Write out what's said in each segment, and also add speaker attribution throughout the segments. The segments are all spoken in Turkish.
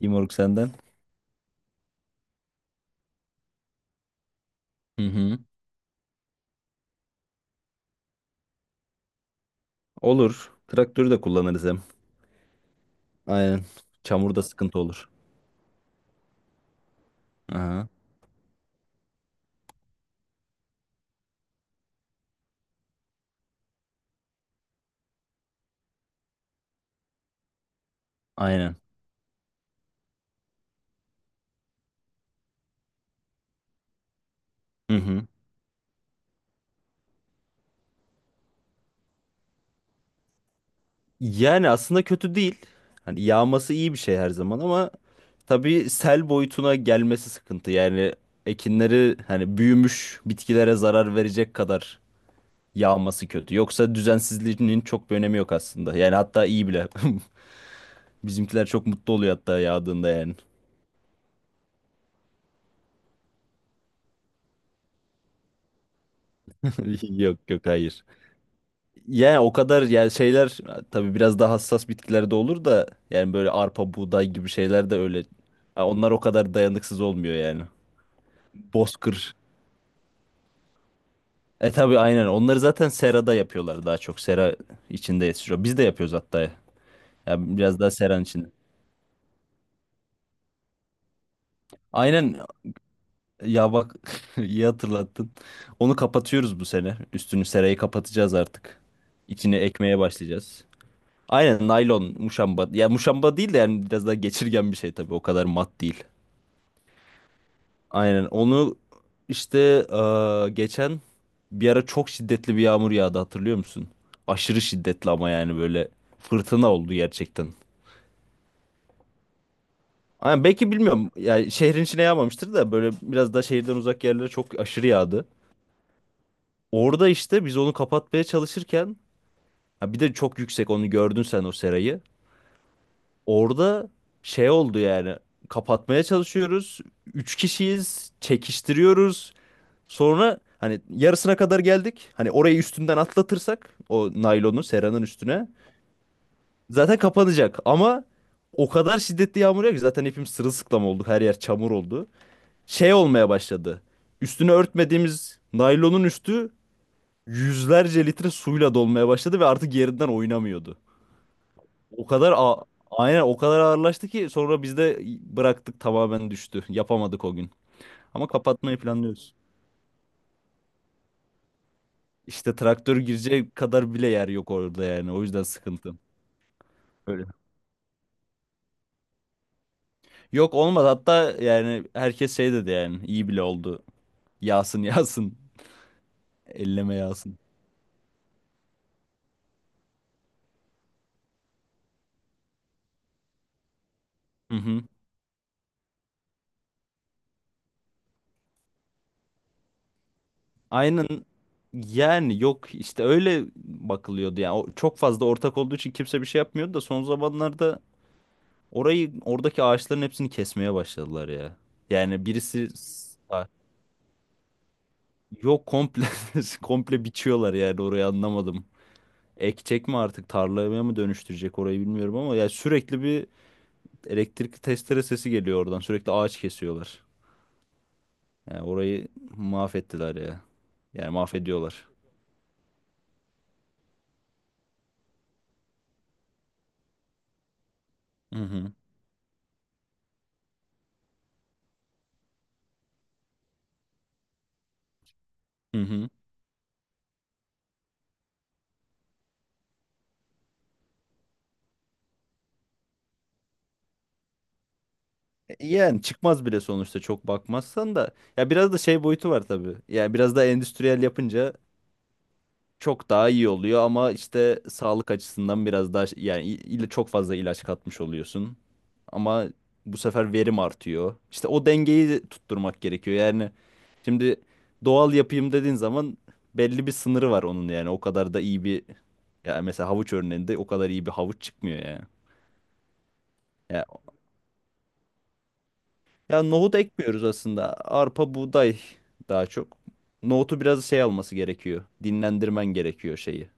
Speaker 1: İmorg senden. Hı hı. Olur. Traktörü de kullanırız hem. Aynen. Çamurda sıkıntı olur. Aha. Aynen. Hı hı. Yani aslında kötü değil. Hani yağması iyi bir şey her zaman ama tabii sel boyutuna gelmesi sıkıntı. Yani ekinleri hani büyümüş bitkilere zarar verecek kadar yağması kötü. Yoksa düzensizliğinin çok bir önemi yok aslında. Yani hatta iyi bile. Bizimkiler çok mutlu oluyor hatta yağdığında yani. Yok yok, hayır. Yani o kadar, yani şeyler tabii biraz daha hassas bitkilerde olur da yani böyle arpa, buğday gibi şeyler de öyle. Ha, onlar o kadar dayanıksız olmuyor yani. Bozkır. E tabii, aynen. Onları zaten serada yapıyorlar daha çok. Sera içinde yetişiyor. Biz de yapıyoruz hatta. Ya biraz daha seranın içinde. Aynen, ya bak, iyi hatırlattın. Onu kapatıyoruz bu sene. Üstünü, serayı kapatacağız artık. İçine ekmeye başlayacağız. Aynen, naylon muşamba. Ya muşamba değil de yani biraz daha geçirgen bir şey tabii. O kadar mat değil. Aynen onu işte geçen bir ara çok şiddetli bir yağmur yağdı, hatırlıyor musun? Aşırı şiddetli, ama yani böyle fırtına oldu gerçekten. Aynen, belki bilmiyorum yani şehrin içine yağmamıştır da böyle biraz daha şehirden uzak yerlere çok aşırı yağdı. Orada işte biz onu kapatmaya çalışırken, ha bir de çok yüksek, onu gördün sen o serayı. Orada şey oldu yani, kapatmaya çalışıyoruz. Üç kişiyiz, çekiştiriyoruz. Sonra hani yarısına kadar geldik. Hani orayı üstünden atlatırsak o naylonu, seranın üstüne zaten kapanacak. Ama o kadar şiddetli yağmur yağıyor ki zaten hepimiz sırılsıklam olduk. Her yer çamur oldu. Şey olmaya başladı. Üstünü örtmediğimiz naylonun üstü yüzlerce litre suyla dolmaya başladı ve artık yerinden oynamıyordu. O kadar aynen, o kadar ağırlaştı ki sonra biz de bıraktık, tamamen düştü. Yapamadık o gün. Ama kapatmayı planlıyoruz. İşte traktör girecek kadar bile yer yok orada yani. O yüzden sıkıntı. Öyle. Yok, olmadı hatta, yani herkes şey dedi, yani iyi bile oldu. Yağsın, yağsın. Elleme, yağsın. Hı hı. Aynen, yani yok işte, öyle bakılıyordu yani. O çok fazla ortak olduğu için kimse bir şey yapmıyordu da son zamanlarda orayı, oradaki ağaçların hepsini kesmeye başladılar ya. Yani birisi Ha, yok, komple komple biçiyorlar yani, orayı anlamadım. Ekecek mi artık, tarlaya mı dönüştürecek orayı, bilmiyorum ama ya sürekli bir elektrikli testere sesi geliyor oradan. Sürekli ağaç kesiyorlar. Yani orayı mahvettiler ya. Yani mahvediyorlar. Hı hı. Hı hı. Yani çıkmaz bile sonuçta, çok bakmazsan da. Ya biraz da şey boyutu var tabii. Yani biraz da endüstriyel yapınca çok daha iyi oluyor ama işte sağlık açısından biraz daha yani çok fazla ilaç katmış oluyorsun. Ama bu sefer verim artıyor. İşte o dengeyi tutturmak gerekiyor. Yani şimdi doğal yapayım dediğin zaman belli bir sınırı var onun yani. O kadar da iyi bir ya mesela havuç örneğinde o kadar iyi bir havuç çıkmıyor yani. Ya, ya nohut ekmiyoruz aslında. Arpa, buğday daha çok. Nohutu biraz şey alması gerekiyor. Dinlendirmen gerekiyor şeyi.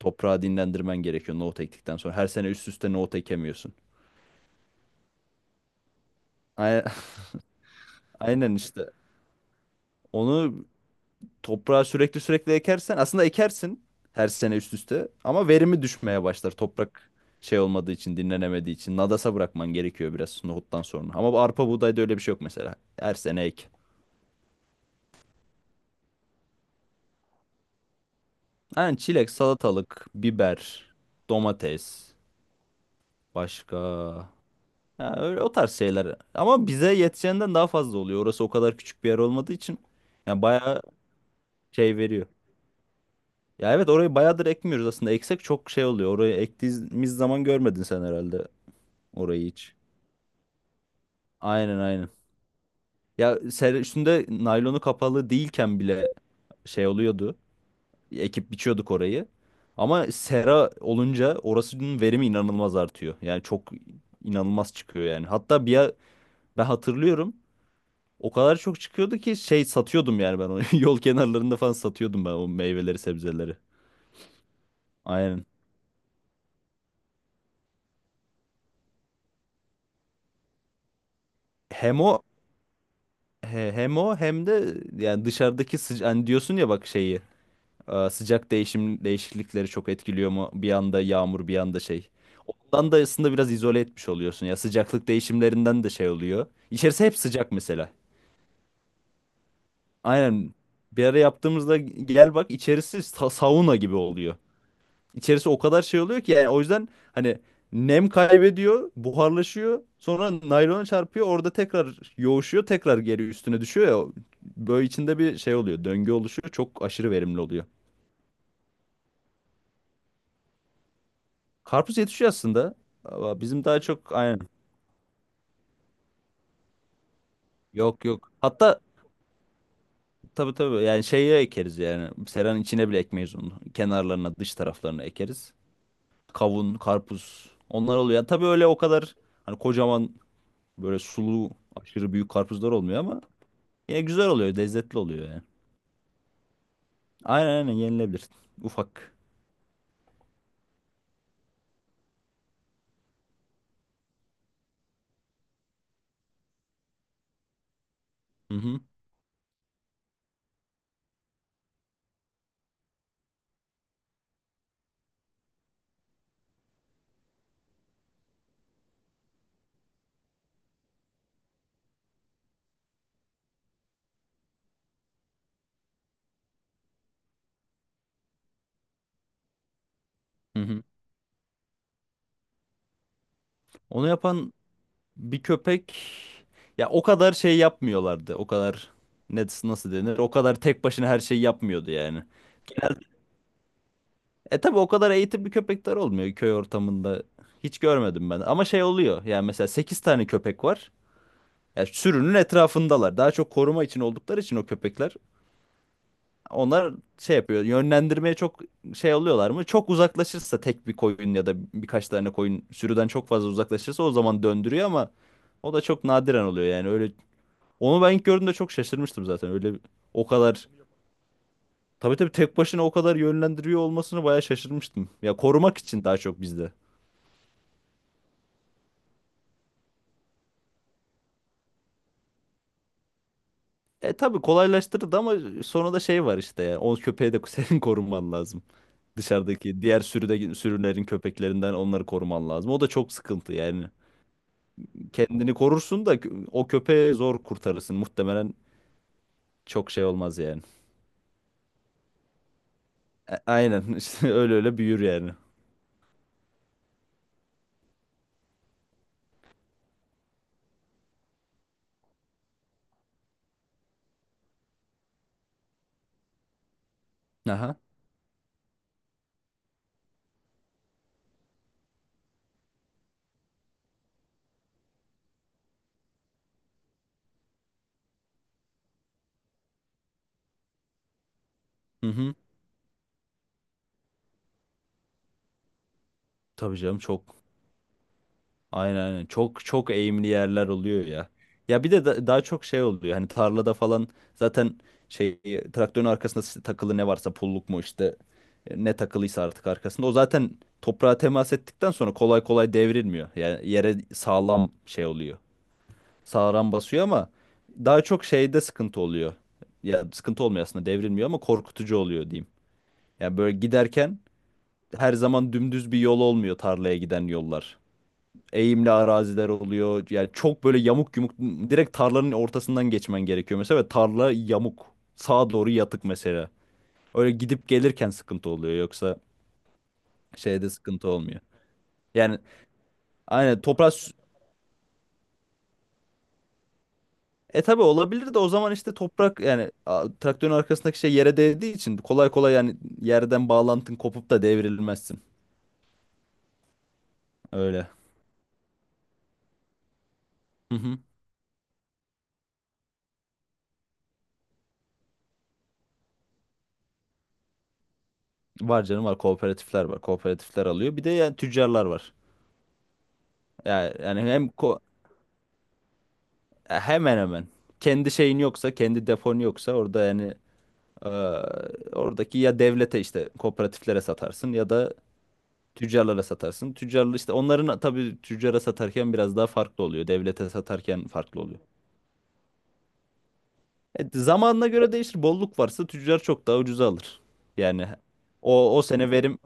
Speaker 1: Toprağı dinlendirmen gerekiyor nohut ektikten sonra. Her sene üst üste nohut ekemiyorsun. Ay- Aynen işte. Onu toprağa sürekli sürekli ekersen aslında ekersin her sene üst üste ama verimi düşmeye başlar. Toprak şey olmadığı için, dinlenemediği için nadasa bırakman gerekiyor biraz nohuttan sonra. Ama bu arpa buğdayda öyle bir şey yok mesela. Her sene ek. Yani çilek, salatalık, biber, domates, başka ha, öyle o tarz şeyler. Ama bize yeteceğinden daha fazla oluyor. Orası o kadar küçük bir yer olmadığı için. Yani bayağı şey veriyor. Ya evet, orayı bayağıdır ekmiyoruz aslında. Eksek çok şey oluyor. Orayı ektiğimiz zaman görmedin sen herhalde, orayı hiç. Aynen, aynen. Ya ser üstünde naylonu kapalı değilken bile şey oluyordu. Ekip biçiyorduk orayı. Ama sera olunca orasının verimi inanılmaz artıyor. Yani çok inanılmaz çıkıyor yani. Hatta ben hatırlıyorum. O kadar çok çıkıyordu ki şey satıyordum yani ben onu. Yol kenarlarında falan satıyordum ben o meyveleri, sebzeleri. Aynen. Hem o, hem o hem de yani dışarıdaki hani diyorsun ya bak şeyi, sıcak değişiklikleri çok etkiliyor mu, bir anda yağmur bir anda şey. Ondan da aslında biraz izole etmiş oluyorsun ya, sıcaklık değişimlerinden de şey oluyor. İçerisi hep sıcak mesela. Aynen, bir ara yaptığımızda gel bak, içerisi sauna gibi oluyor. İçerisi o kadar şey oluyor ki yani, o yüzden hani nem kaybediyor, buharlaşıyor. Sonra naylona çarpıyor, orada tekrar yoğuşuyor, tekrar geri üstüne düşüyor ya. Böyle içinde bir şey oluyor, döngü oluşuyor. Çok aşırı verimli oluyor. Karpuz yetişiyor aslında. Ama bizim daha çok, aynen. Yok yok. Hatta tabii tabii yani şeye ekeriz yani. Seranın içine bile ekmeyiz onu. Kenarlarına, dış taraflarına ekeriz. Kavun, karpuz, onlar oluyor. Yani tabii öyle o kadar hani kocaman, böyle sulu, aşırı büyük karpuzlar olmuyor ama ya güzel oluyor, lezzetli oluyor yani. Aynen aynen, yenilebilir. Ufak. Hı hı. Hı hı. Onu yapan bir köpek, ya o kadar şey yapmıyorlardı. O kadar, ne, nasıl denir, o kadar tek başına her şeyi yapmıyordu yani. Genelde, tabi o kadar eğitimli köpekler olmuyor köy ortamında. Hiç görmedim ben. Ama şey oluyor. Yani mesela 8 tane köpek var. Ya sürünün etrafındalar. Daha çok koruma için oldukları için o köpekler onlar şey yapıyor. Yönlendirmeye çok şey oluyorlar mı? Çok uzaklaşırsa tek bir koyun, ya da birkaç tane koyun sürüden çok fazla uzaklaşırsa o zaman döndürüyor, ama o da çok nadiren oluyor yani. Öyle, onu ben ilk gördüğümde çok şaşırmıştım zaten. Öyle o kadar, tabii tabii tek başına o kadar yönlendiriyor olmasını bayağı şaşırmıştım. Ya korumak için daha çok bizde. E tabii, kolaylaştırdı ama sonra da şey var işte ya. O köpeği de senin koruman lazım. Dışarıdaki diğer sürülerin köpeklerinden onları koruman lazım. O da çok sıkıntı yani. Kendini korursun da o köpeği zor kurtarırsın. Muhtemelen çok şey olmaz yani. Aynen işte öyle öyle büyür yani. Aha. Hı hı. Tabii canım, çok. Aynen aynen. Çok çok eğimli yerler oluyor ya. Ya bir de daha çok şey oluyor. Hani tarlada falan zaten şey, traktörün arkasında takılı ne varsa, pulluk mu işte, ne takılıysa artık arkasında. O zaten toprağa temas ettikten sonra kolay kolay devrilmiyor. Yani yere sağlam şey oluyor. Sağıran basıyor ama daha çok şeyde sıkıntı oluyor. Ya sıkıntı olmuyor aslında, devrilmiyor ama korkutucu oluyor diyeyim. Yani böyle giderken her zaman dümdüz bir yol olmuyor, tarlaya giden yollar. Eğimli araziler oluyor. Yani çok böyle yamuk yumuk, direkt tarlanın ortasından geçmen gerekiyor mesela ve tarla yamuk. Sağa doğru yatık mesela. Öyle gidip gelirken sıkıntı oluyor, yoksa şeyde sıkıntı olmuyor. Yani aynen, toprak. E tabii olabilir, de o zaman işte toprak, yani traktörün arkasındaki şey yere değdiği için kolay kolay yani yerden bağlantın kopup da devrilmezsin. Öyle. Hı hı. Var canım var, kooperatifler var. Kooperatifler alıyor. Bir de yani tüccarlar var. Yani hem ko hemen hemen, kendi şeyin yoksa, kendi depon yoksa orada yani, e, oradaki, ya devlete, işte kooperatiflere satarsın ya da tüccarlara satarsın. Tüccarlar işte onların, tabii tüccara satarken biraz daha farklı oluyor. Devlete satarken farklı oluyor. Evet, zamanına göre değişir. Bolluk varsa tüccar çok daha ucuza alır. Yani o sene verim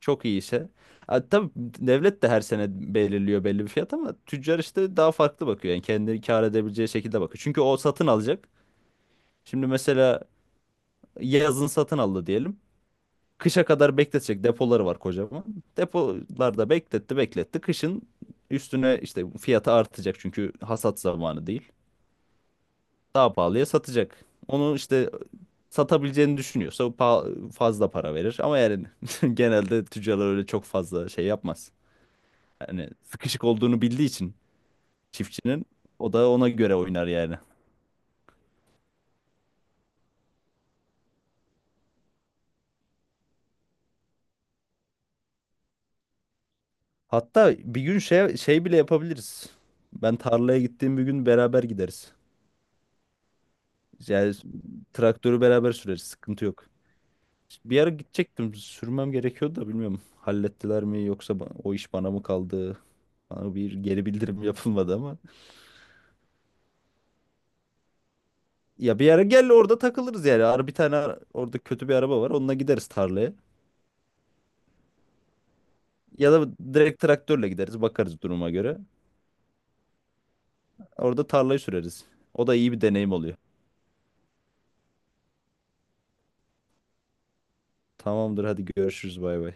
Speaker 1: çok iyi ise. Ha, tabii devlet de her sene belirliyor belli bir fiyat ama tüccar işte daha farklı bakıyor. Yani kendini kâr edebileceği şekilde bakıyor. Çünkü o satın alacak. Şimdi mesela yazın satın aldı diyelim. Kışa kadar bekletecek depoları var kocaman. Depolarda bekletti bekletti. Kışın üstüne işte fiyatı artacak, çünkü hasat zamanı değil. Daha pahalıya satacak. Onu işte satabileceğini düşünüyorsa fazla para verir. Ama yani genelde tüccarlar öyle çok fazla şey yapmaz. Yani sıkışık olduğunu bildiği için çiftçinin, o da ona göre oynar yani. Hatta bir gün şey bile yapabiliriz. Ben tarlaya gittiğim bir gün beraber gideriz. Yani traktörü beraber süreriz. Sıkıntı yok. Bir ara gidecektim. Sürmem gerekiyordu da bilmiyorum. Hallettiler mi, yoksa o iş bana mı kaldı? Bana bir geri bildirim yapılmadı ama. Ya bir ara gel, orada takılırız yani. Ara bir tane ara- Orada kötü bir araba var. Onunla gideriz tarlaya. Ya da direkt traktörle gideriz. Bakarız duruma göre. Orada tarlayı süreriz. O da iyi bir deneyim oluyor. Tamamdır, hadi görüşürüz, bay bay.